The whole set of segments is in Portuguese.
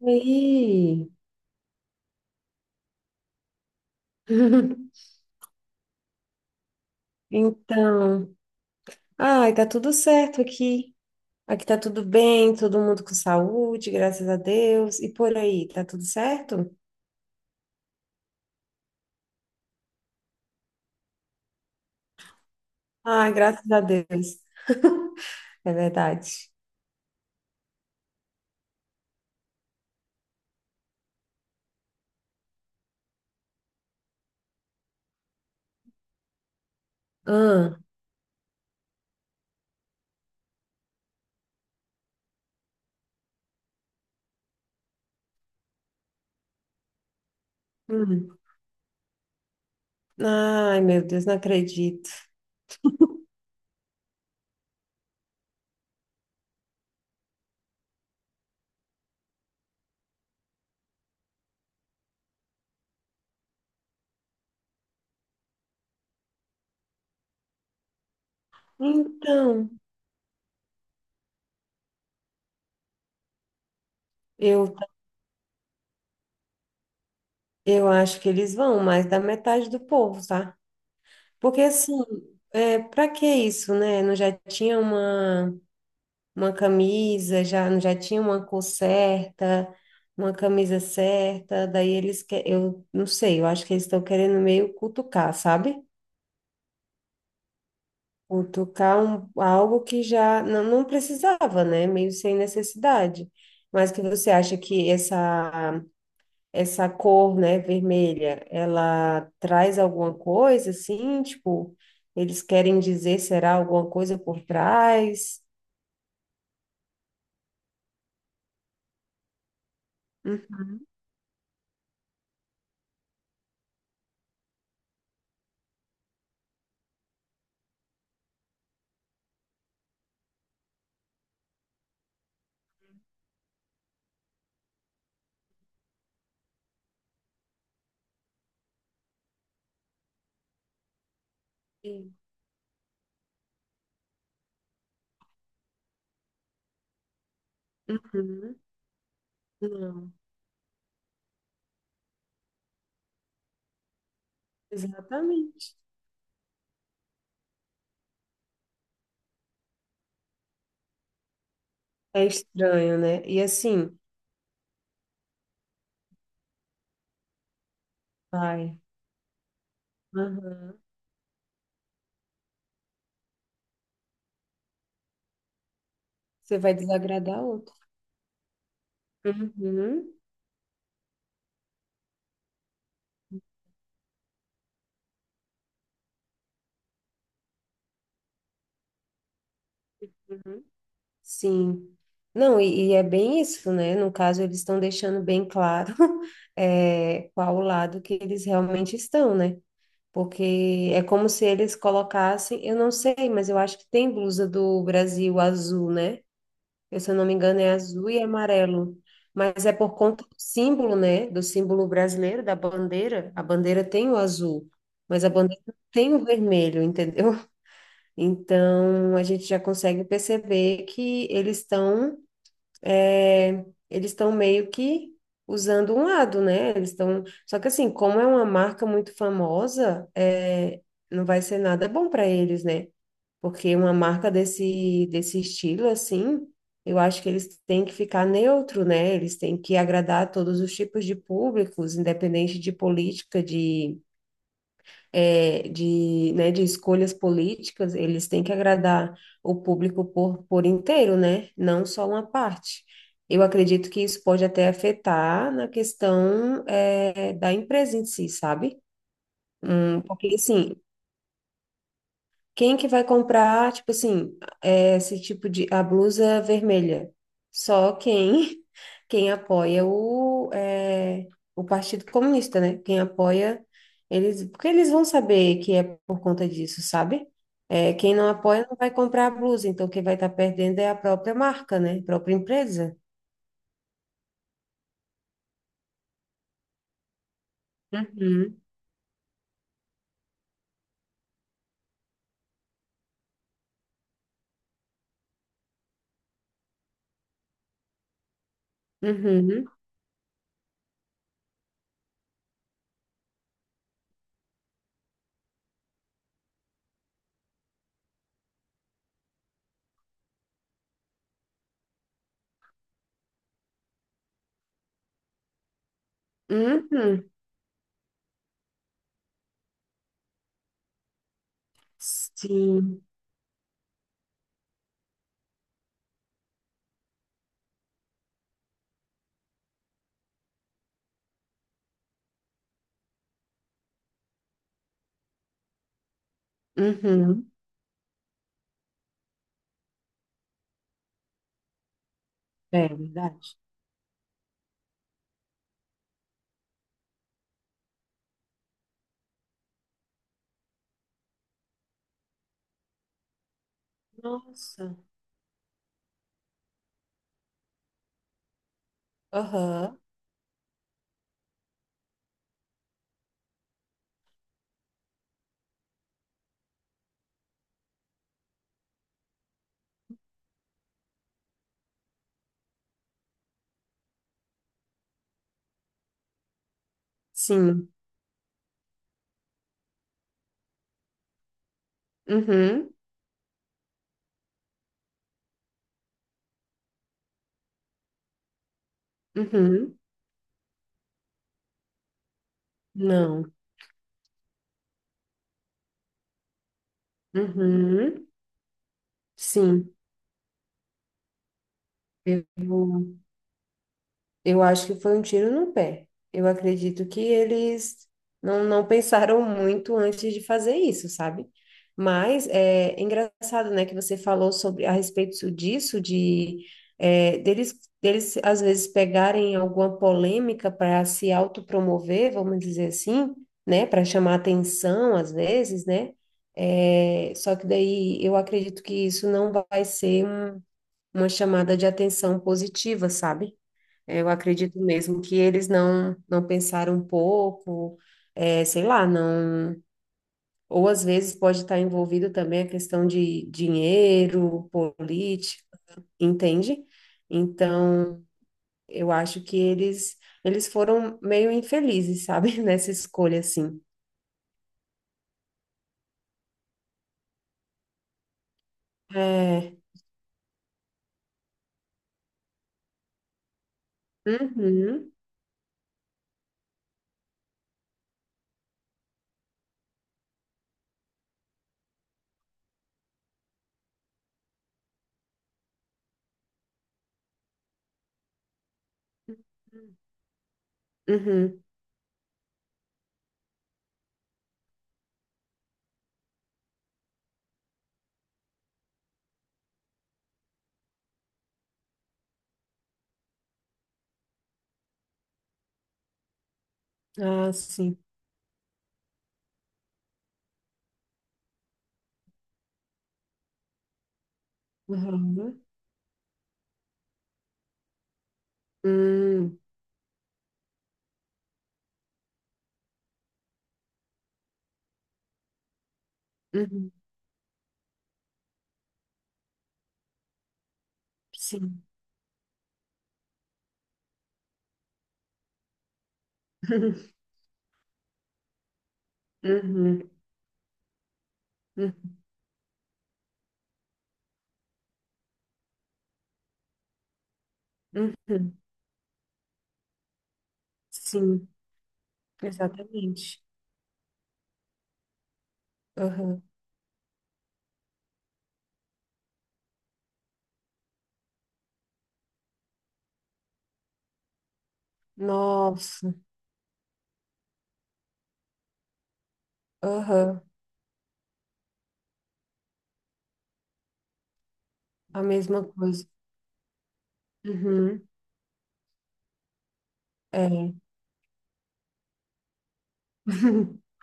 Oi. Então, ai, tá tudo certo aqui. Aqui tá tudo bem, todo mundo com saúde, graças a Deus. E por aí, tá tudo certo? Ai, graças a Deus, é verdade. Ah, hum. Ai, meu Deus, não acredito. Então, eu, eu acho que eles vão, mais da metade do povo, tá? Porque assim, é, para que isso, né? Não já tinha uma. Uma camisa, já tinha uma cor certa, uma camisa certa, daí eles que eu não sei, eu acho que eles estão querendo meio cutucar, sabe? Cutucar um, algo que já não, não precisava, né? Meio sem necessidade. Mas que você acha que essa cor, né, vermelha, ela traz alguma coisa assim, tipo, eles querem dizer será alguma coisa por trás? Uhum. Uhum. Não. Exatamente. É estranho, né? E assim, vai. Aham. Você vai desagradar outro. Uhum. Uhum. Sim. Não, e é bem isso, né? No caso, eles estão deixando bem claro, é, qual o lado que eles realmente estão, né? Porque é como se eles colocassem, eu não sei, mas eu acho que tem blusa do Brasil azul, né? Eu, se eu não me engano, é azul e amarelo. Mas é por conta do símbolo, né? Do símbolo brasileiro, da bandeira. A bandeira tem o azul, mas a bandeira não tem o vermelho, entendeu? Então, a gente já consegue perceber que eles estão é, eles estão meio que usando um lado, né? Eles estão. Só que assim, como é uma marca muito famosa, é, não vai ser nada bom para eles, né? Porque uma marca desse estilo, assim, eu acho que eles têm que ficar neutro, né? Eles têm que agradar a todos os tipos de públicos, independente de política, é, de, né, de escolhas políticas, eles têm que agradar o público por inteiro, né? Não só uma parte. Eu acredito que isso pode até afetar na questão, é, da empresa em si, sabe? Porque, assim, quem que vai comprar, tipo assim, é, esse tipo de, a blusa vermelha? Só quem, quem apoia o, é, o Partido Comunista, né? Quem apoia, eles, porque eles vão saber que é por conta disso, sabe? É, quem não apoia não vai comprar a blusa, então quem vai estar perdendo é a própria marca, né? A própria empresa. Uhum, uhum, uhum. Sim, uhum. É verdade. Nossa. Aham, sim. Uhum. Uhum. Não. Uhum. Sim. Eu vou. Eu acho que foi um tiro no pé. Eu acredito que eles não pensaram muito antes de fazer isso, sabe? Mas é engraçado, né, que você falou sobre a respeito disso, de é, deles às vezes pegarem alguma polêmica para se autopromover, vamos dizer assim, né, para chamar atenção às vezes, né? É, só que daí eu acredito que isso não vai ser uma chamada de atenção positiva, sabe? Eu acredito mesmo que eles não pensaram um pouco, é, sei lá, não. Ou às vezes pode estar envolvido também a questão de dinheiro, política, entende? Então, eu acho que eles foram meio infelizes, sabe, nessa escolha assim. É. Uhum. Uhum. Ah, sim. Uhum. Hum, uhum. Sim. Uhum. Uhum. Uhum. Sim. Exatamente. Aham. Nossa. Aham. A mesma coisa. Uhum. É.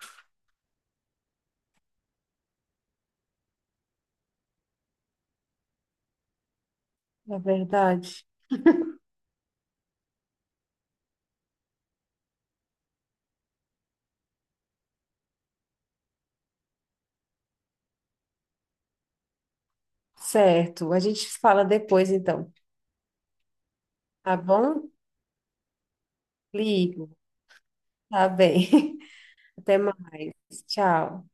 É verdade. Certo. A gente fala depois, então. Tá bom? Ligo. Tá bem. Até mais. Tchau.